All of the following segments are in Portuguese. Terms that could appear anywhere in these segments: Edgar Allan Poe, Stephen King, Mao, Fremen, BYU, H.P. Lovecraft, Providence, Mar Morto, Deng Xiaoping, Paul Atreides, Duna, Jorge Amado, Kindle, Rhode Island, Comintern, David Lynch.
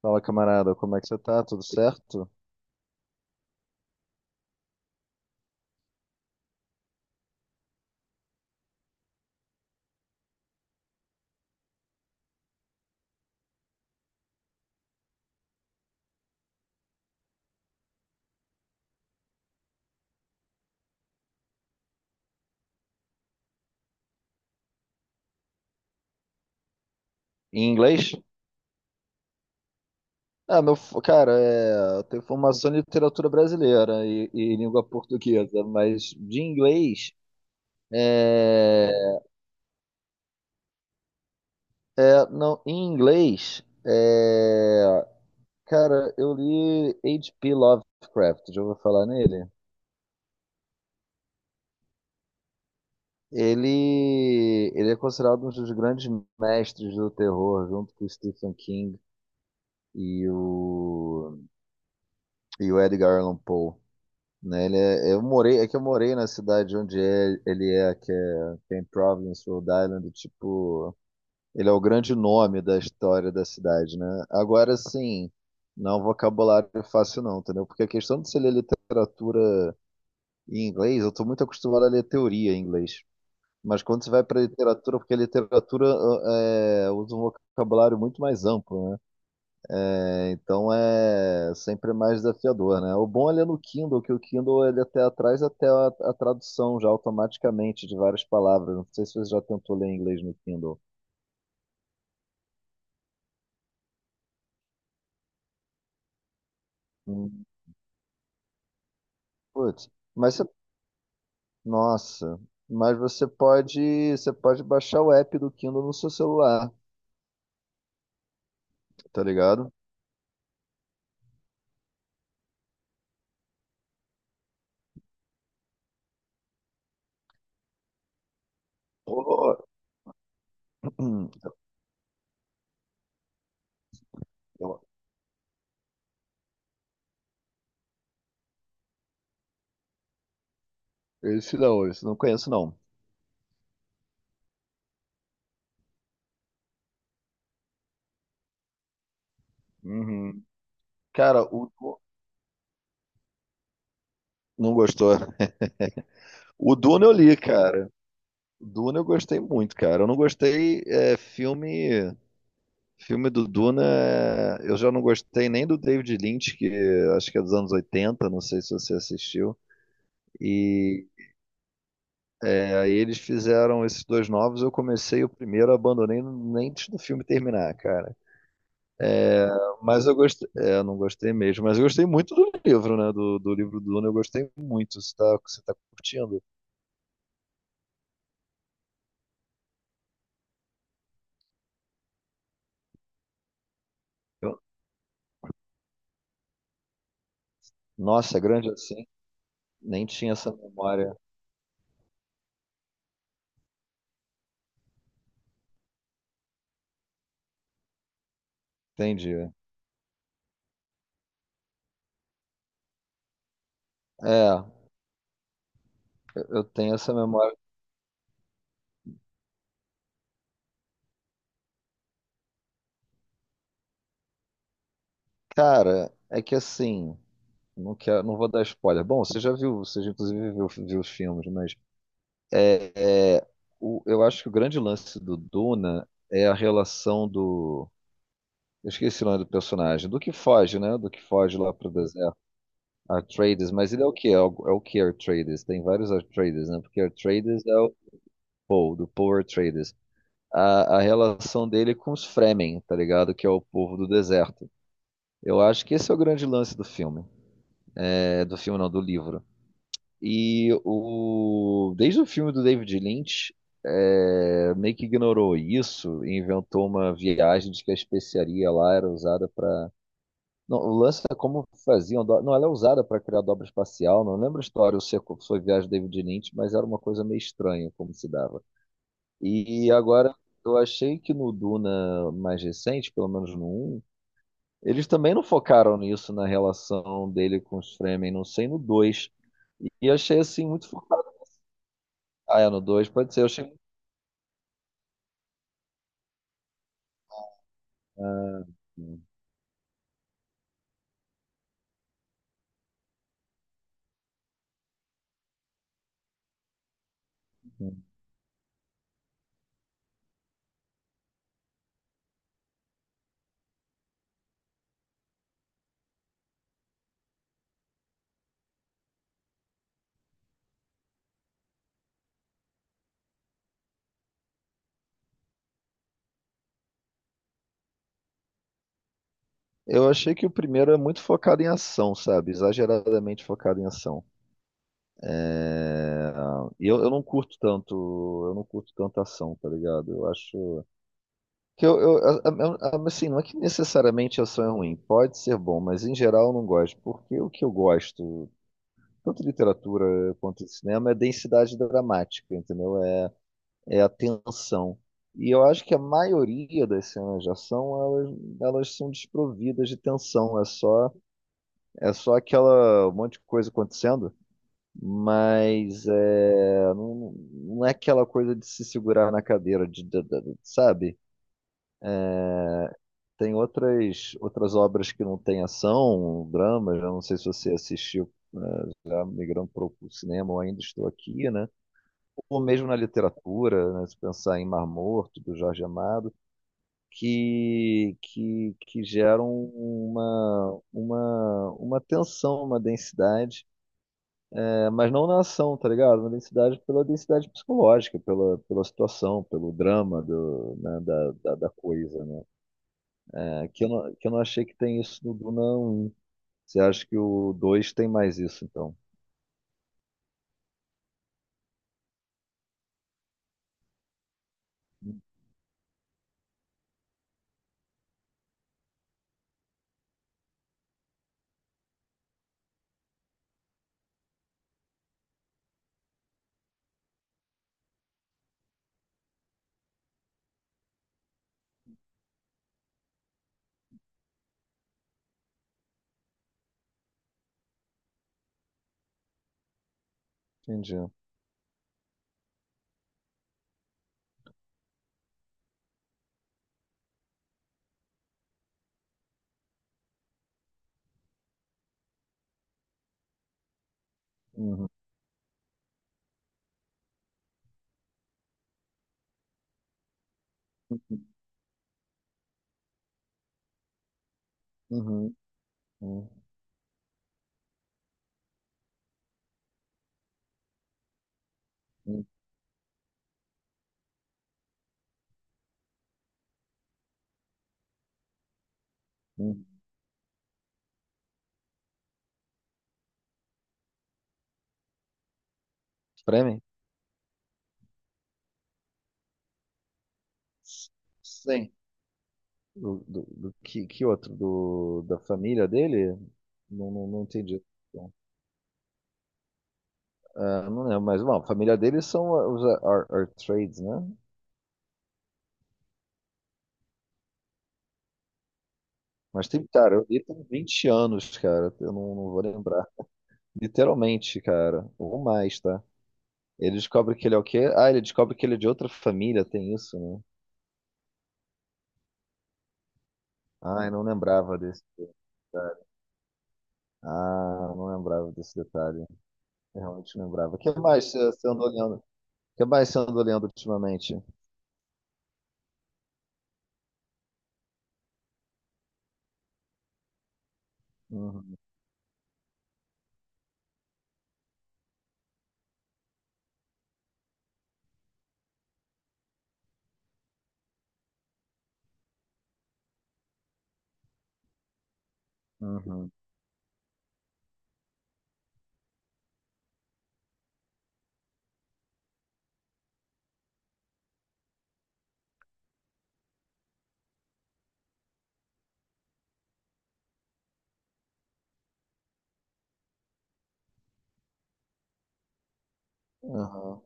Fala, camarada, como é que você tá? Tudo certo? Em inglês? Ah, meu, cara, eu tenho formação em literatura brasileira e língua portuguesa, mas de inglês, é, não, em inglês, cara, eu li H.P. Lovecraft, já ouviu falar nele? Ele é considerado um dos grandes mestres do terror, junto com o Stephen King e o, e o Edgar Allan Poe, né? Eu morei, é que eu morei na cidade onde é, ele é, que é, tem Providence, Rhode Island, e, tipo, ele é o grande nome da história da cidade, né? Agora, sim, não é um vocabulário fácil não, entendeu? Porque a questão de se ler literatura em inglês, eu tô muito acostumado a ler teoria em inglês. Mas quando você vai para literatura, porque a literatura usa um vocabulário muito mais amplo, né? É, então é sempre mais desafiador, né? O bom ele é no Kindle, que o Kindle ele é até traz até a tradução já automaticamente de várias palavras. Não sei se você já tentou ler em inglês no Kindle. Hum. Putz, mas você, nossa, mas você pode baixar o app do Kindle no seu celular, tá ligado? Pô. Esse não conheço não. Uhum. Cara, o Du- não gostou. O Duna eu li, cara. Duna eu gostei muito, cara. Eu não gostei filme do Duna. Eu já não gostei nem do David Lynch, que acho que é dos anos 80, não sei se você assistiu. E aí eles fizeram esses dois novos. Eu comecei o primeiro, abandonei nem antes do filme terminar, cara. Mas eu gostei, eu não gostei mesmo. Mas eu gostei muito do livro, né? Do livro do Duna, eu gostei muito. Você tá curtindo? Eu- Nossa, grande assim. Nem tinha essa memória. Entendi. É, eu tenho essa memória. Cara, é que assim, não vou dar spoiler. Bom, você já viu, você já inclusive viu os filmes, mas é, é, eu acho que o grande lance do Duna é a relação do. Eu esqueci o nome do personagem, do que foge, né? Do que foge lá pro deserto. Atreides, mas ele é o quê? É o que Atreides? Tem vários Atreides, né? Porque Atreides é o Paul, do Paul Atreides. A relação dele com os Fremen, tá ligado? Que é o povo do deserto. Eu acho que esse é o grande lance do filme. É, do filme não, do livro. E o, desde o filme do David Lynch, meio que ignorou isso e inventou uma viagem de que a especiaria lá era usada para. Não, o lance é como faziam. Não, ela é usada para criar dobra espacial. Não lembro a história se foi a viagem do David Lynch, mas era uma coisa meio estranha como se dava. E agora, eu achei que no Duna mais recente, pelo menos no um, eles também não focaram nisso na relação dele com os Fremen, não sei, no dois. E achei assim muito... Ah, é no 2 pode ser. Eu achei... Ah, sim, sim. Eu achei que o primeiro é muito focado em ação, sabe? Exageradamente focado em ação. É... E eu não curto tanto, eu não curto tanto ação, tá ligado? Eu acho que assim, não é que necessariamente ação é ruim, pode ser bom, mas em geral eu não gosto, porque o que eu gosto, tanto de literatura quanto de cinema, é densidade dramática, entendeu? É, é a tensão. E eu acho que a maioria das cenas de ação, elas são desprovidas de tensão. É só aquela um monte de coisa acontecendo, mas é, não, não é aquela coisa de se segurar na cadeira, sabe? Tem outras obras que não têm ação, dramas, eu não sei se você assistiu, né, já migrando para o cinema, ou ainda estou aqui, né? Ou mesmo na literatura, né, se pensar em Mar Morto, do Jorge Amado, que geram uma tensão, uma densidade, é, mas não na ação, tá ligado? Uma densidade pela densidade psicológica, pela situação, pelo drama do, né, da, da, da coisa, né? É, que eu não achei que tem isso no Duna 1. Você acha que o dois tem mais isso, então? Entendi. Uhum. Uhum. Uhum. Uhum. Uhum. Fremen? Sim. Que outro? Da família dele? Não entendi. Então, ah, não lembro, mas bom, a família deles são os Artrades, né? Mas tem, cara, eu li tem vinte anos, cara. Eu não, não vou lembrar. Literalmente, cara. Ou mais, tá? Ele descobre que ele é o quê? Ah, ele descobre que ele é de outra família, tem isso, né? Ah, eu não lembrava desse. Ah, eu não lembrava desse detalhe. Realmente lembrava. O que mais você andou lendo? O que mais você andou lendo ultimamente? Uhum, uhum, uhum.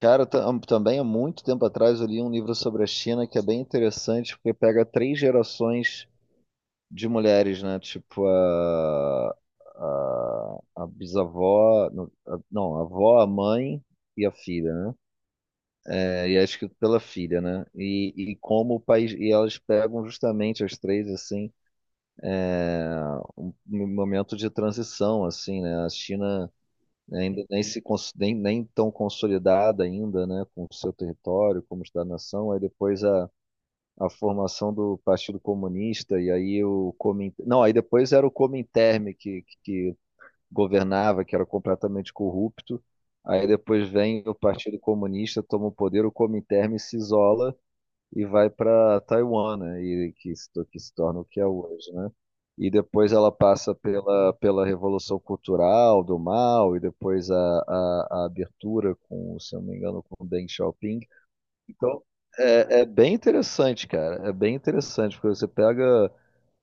Cara, também há muito tempo atrás eu li um livro sobre a China que é bem interessante, porque pega três gerações de mulheres, né? Tipo, a bisavó, não, a não, a avó, a mãe e a filha, né? É, e é escrito pela filha, né? E como o país. E elas pegam justamente as três, assim, um momento de transição, assim, né? A China. Ainda nem tão consolidada ainda, né, com o seu território, como Estado nação, aí depois a formação do Partido Comunista, e aí o Comintern, não, aí depois era o Comintern que governava, que era completamente corrupto, aí depois vem o Partido Comunista, toma o poder, o Comintern se isola, e vai para Taiwan, né? E que se, to- que se torna o que é hoje, né? E depois ela passa pela Revolução Cultural do Mao e depois a abertura com, se eu não me engano, com Deng Xiaoping. Então, é, é bem interessante, cara. É bem interessante, porque você pega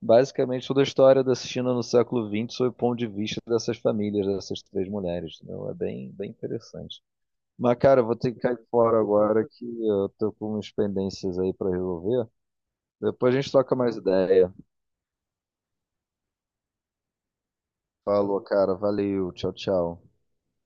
basicamente toda a história da China no século XX sob o ponto de vista dessas famílias, dessas três mulheres, entendeu? É bem, bem interessante. Mas, cara, eu vou ter que cair fora agora que eu tô com umas pendências aí para resolver. Depois a gente troca mais ideia. Falou, cara. Valeu. Tchau, tchau.